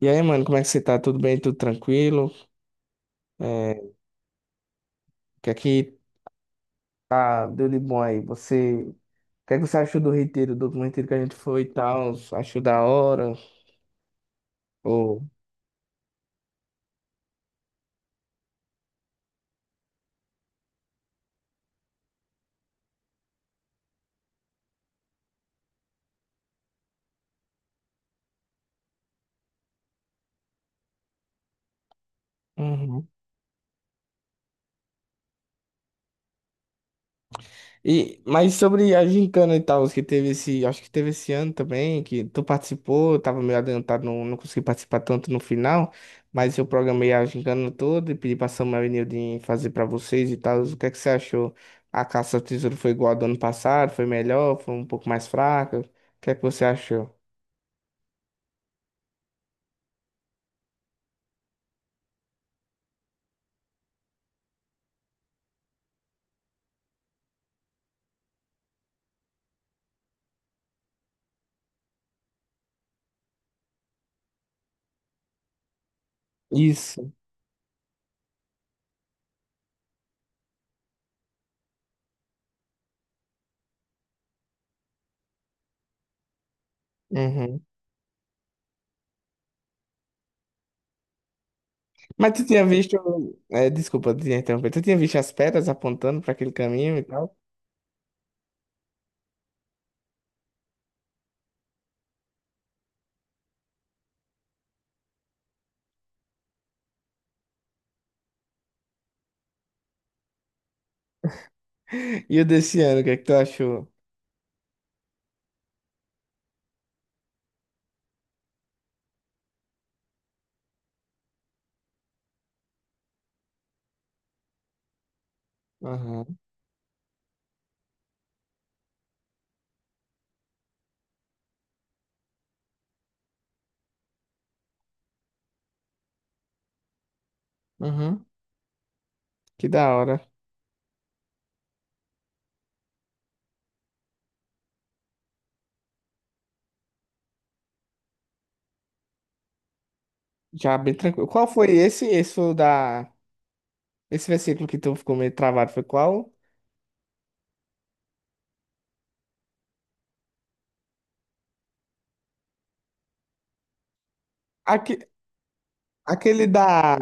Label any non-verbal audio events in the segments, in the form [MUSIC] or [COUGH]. E aí, mano, como é que você tá? Tudo bem? Tudo tranquilo? O que é que tá, deu de bom aí? Você, o que é que você achou do retiro, do último retiro que a gente foi e tal? Achou da hora? Ou... Uhum. E, mas sobre a gincana e tal, que teve esse, acho que teve esse ano também, que tu participou, eu tava meio adiantado, não consegui participar tanto no final, mas eu programei a gincana toda e pedi pra Samuel e Nildin fazer pra vocês e tal. O que é que você achou? A caça ao tesouro foi igual a do ano passado? Foi melhor? Foi um pouco mais fraca? O que é que você achou? Isso. Uhum. Mas tu tinha visto, é, desculpa te interromper, tu tinha visto as pedras apontando pra aquele caminho e tal? [LAUGHS] E o desse ano, o que é que tu achou? Aham, uhum. Que da hora. Já bem tranquilo. Qual foi esse? Esse foi o da. Esse versículo que tu ficou meio travado foi qual? Aque... Aquele da.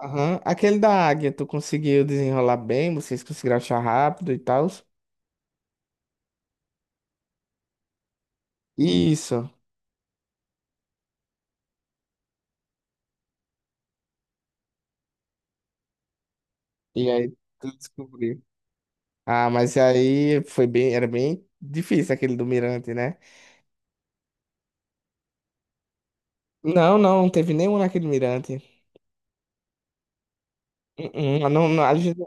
Aham. Aquele da águia, tu conseguiu desenrolar bem, vocês conseguiram achar rápido e tal. Isso. E aí tu descobriu. Ah, mas aí foi bem. Era bem difícil aquele do mirante, né? Não teve nenhum naquele mirante. Uh-uh, não, a gente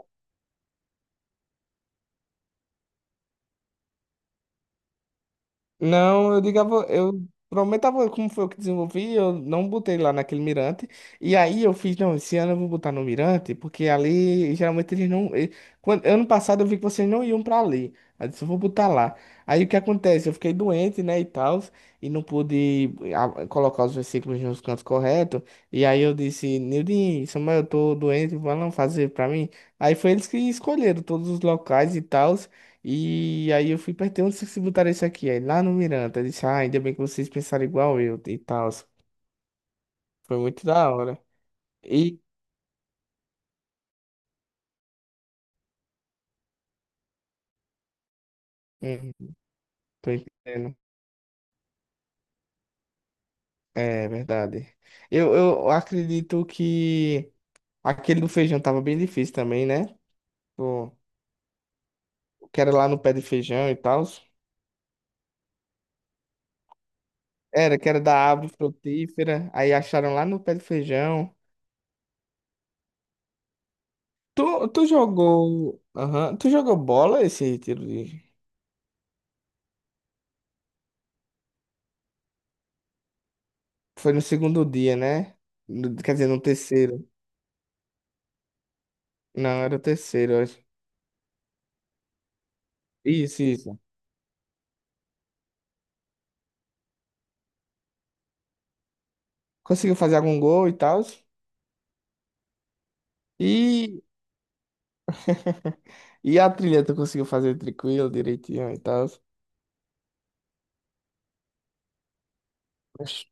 Não, eu digava, eu prometava como foi eu que desenvolvi, eu não botei lá naquele mirante. E aí eu fiz, não, esse ano eu vou botar no mirante, porque ali geralmente eles não. Quando, ano passado eu vi que vocês não iam pra ali. Aí eu disse, eu vou botar lá. Aí o que acontece? Eu fiquei doente, né, e tal, e não pude colocar os versículos nos cantos corretos. E aí eu disse, Nildinho, Samuel, eu tô doente, vão fazer pra mim. Aí foi eles que escolheram todos os locais e tal. E aí eu fui perguntar onde vocês botaram isso aqui? Aí lá no Miranda. Eu disse, ah, ainda bem que vocês pensaram igual eu e tal. Foi muito da hora. E. Hum, tô entendendo. É verdade. Eu acredito que aquele do feijão tava bem difícil também, né? O o que era lá no pé de feijão e tal. Era, que era da árvore frutífera. Aí acharam lá no pé de feijão. Tu jogou. Aham. Tu jogou bola esse tiro de. Foi no segundo dia, né? No- Quer dizer, no terceiro. Não, era o terceiro, eu acho. Isso, isso. Conseguiu fazer algum gol e tal. E... [LAUGHS] e a trilha tu conseguiu fazer tranquilo, direitinho e tal. Oxe.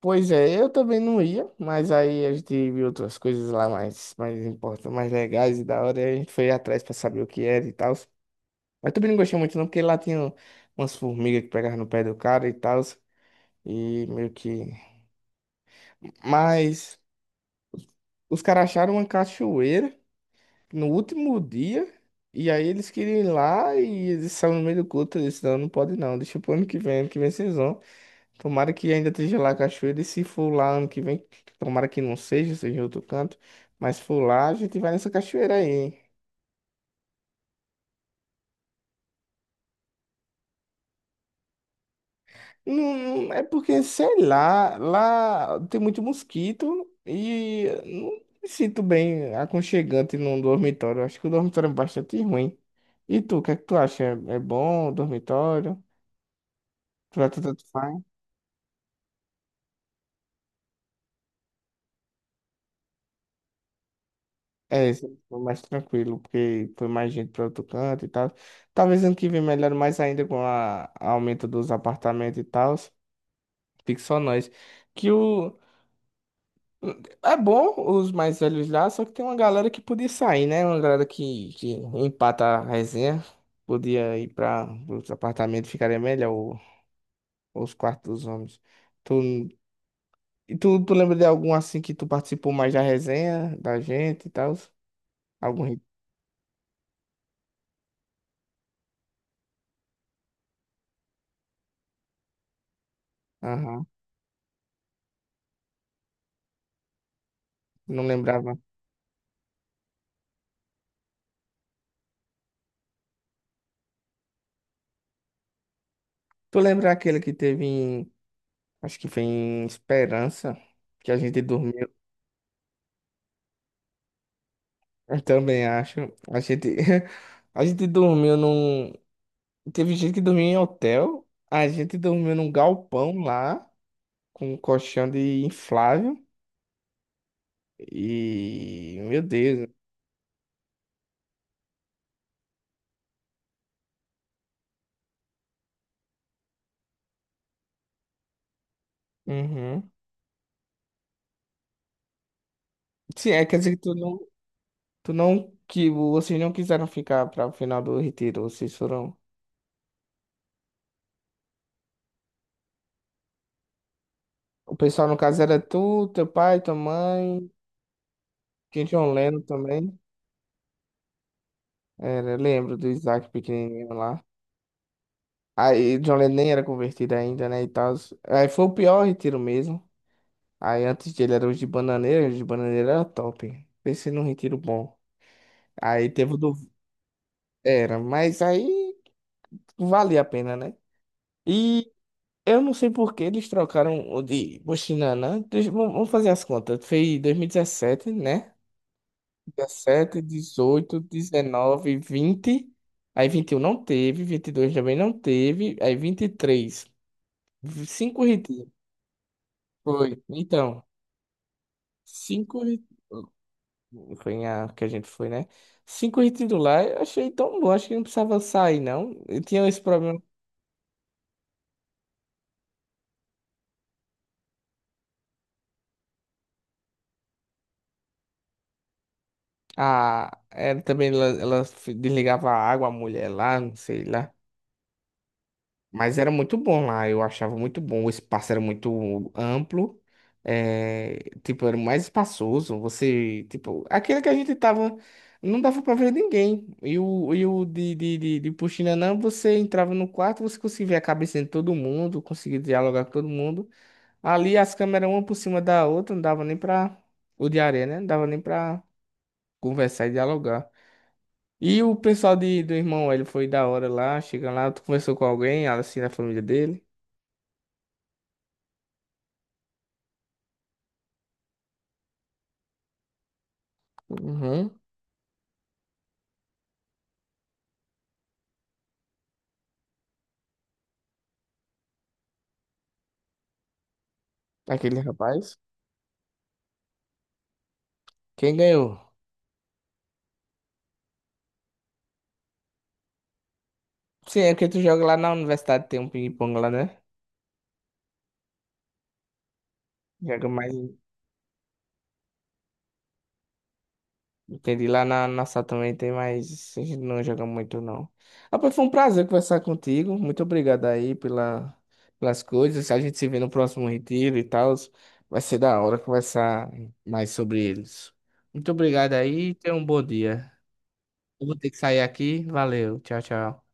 Pois é, eu também não ia, mas aí a gente viu outras coisas lá mais, mais importantes, mais legais e da hora, e a gente foi atrás pra saber o que era e tal. Mas também não gostei muito não, porque lá tinha umas formigas que pegavam no pé do cara e tal, e meio que... Mas os caras acharam uma cachoeira, no último dia. E aí eles queriam ir lá e eles estavam no meio do culto. Eu disse, não, não pode não. Deixa pro ano que vem vocês vão. Tomara que ainda esteja lá a cachoeira. E se for lá ano que vem, tomara que não seja, seja em outro canto. Mas se for lá, a gente vai nessa cachoeira aí. Hein?" Não, não- é porque, sei lá, lá tem muito mosquito e não me sinto bem aconchegante num dormitório. Acho que o dormitório é bastante ruim. E tu, o que é que tu acha? É bom o dormitório? Tu vai tanto É, isso foi mais tranquilo, porque foi mais gente para outro canto e tal. Talvez ano que vem melhore mais ainda com a aumento dos apartamentos e tal. Fique só nós. Que o. É bom os mais velhos lá, só que tem uma galera que podia sair, né? Uma galera que empata a resenha. Podia ir para os apartamentos, ficaria melhor o- os quartos dos homens. Tu, e tu lembra de algum assim que tu participou mais da resenha da gente e tal? Algum. Ri- Aham. Não lembrava. Tu lembra aquele que teve em, acho que foi em Esperança, que a gente dormiu, eu também acho, a gente, [LAUGHS] a gente dormiu num, teve gente que dormiu em hotel, a gente dormiu num galpão lá, com um colchão de inflável, e, meu Deus, uhum. Sim, é, quer dizer que tu não, que vocês não quiseram ficar para o final do retiro, vocês foram, o pessoal no caso era tu, teu pai, tua mãe, tinha John Lennon também. Era, lembro do Isaac pequenininho lá. Aí John Lennon nem era convertido ainda, né, e tal. Aí foi o pior retiro mesmo. Aí antes dele era os de Bananeira era top. Pensei num retiro bom. Aí teve o do... Era, mas aí valia a pena, né? E eu não sei por que eles trocaram o de Buxinanã. Deixa- Vamos fazer as contas. Foi 2017, né? 17, 18, 19, 20... Aí 21 não teve, 22 também não teve, aí 23. Cinco retiros. Foi. Então, cinco retiros. Foi em a que a gente foi, né? Cinco retiros lá, eu achei tão bom. Acho que não precisava sair, não. Eu tinha esse problema. Ah, ela também ela desligava a água, a mulher lá, não sei lá. Mas era muito bom lá, eu achava muito bom. O espaço era muito amplo, é, tipo, era mais espaçoso. Você, tipo, aquele que a gente tava, não dava pra ver ninguém. E o de Puxinanã, você entrava no quarto, você conseguia ver a cabeça de todo mundo, conseguia dialogar com todo mundo. Ali as câmeras, uma por cima da outra, não dava nem pra. O de areia, né? Não dava nem pra conversar e dialogar. E o pessoal de, do irmão, ele foi da hora lá, chega lá, tu conversou com alguém, assim, da família dele. Uhum. Aquele rapaz. Quem ganhou? Sim, é porque tu joga lá na universidade, tem um ping-pong lá, né? Joga mais. Entendi. Lá na nossa também tem mais. A gente não joga muito, não. Rapaz, foi um prazer conversar contigo. Muito obrigado aí pela, pelas coisas. A gente se vê no próximo retiro e tal. Vai ser da hora conversar mais sobre eles. Muito obrigado aí. E Tenha um bom dia. Eu vou ter que sair aqui. Valeu. Tchau, tchau.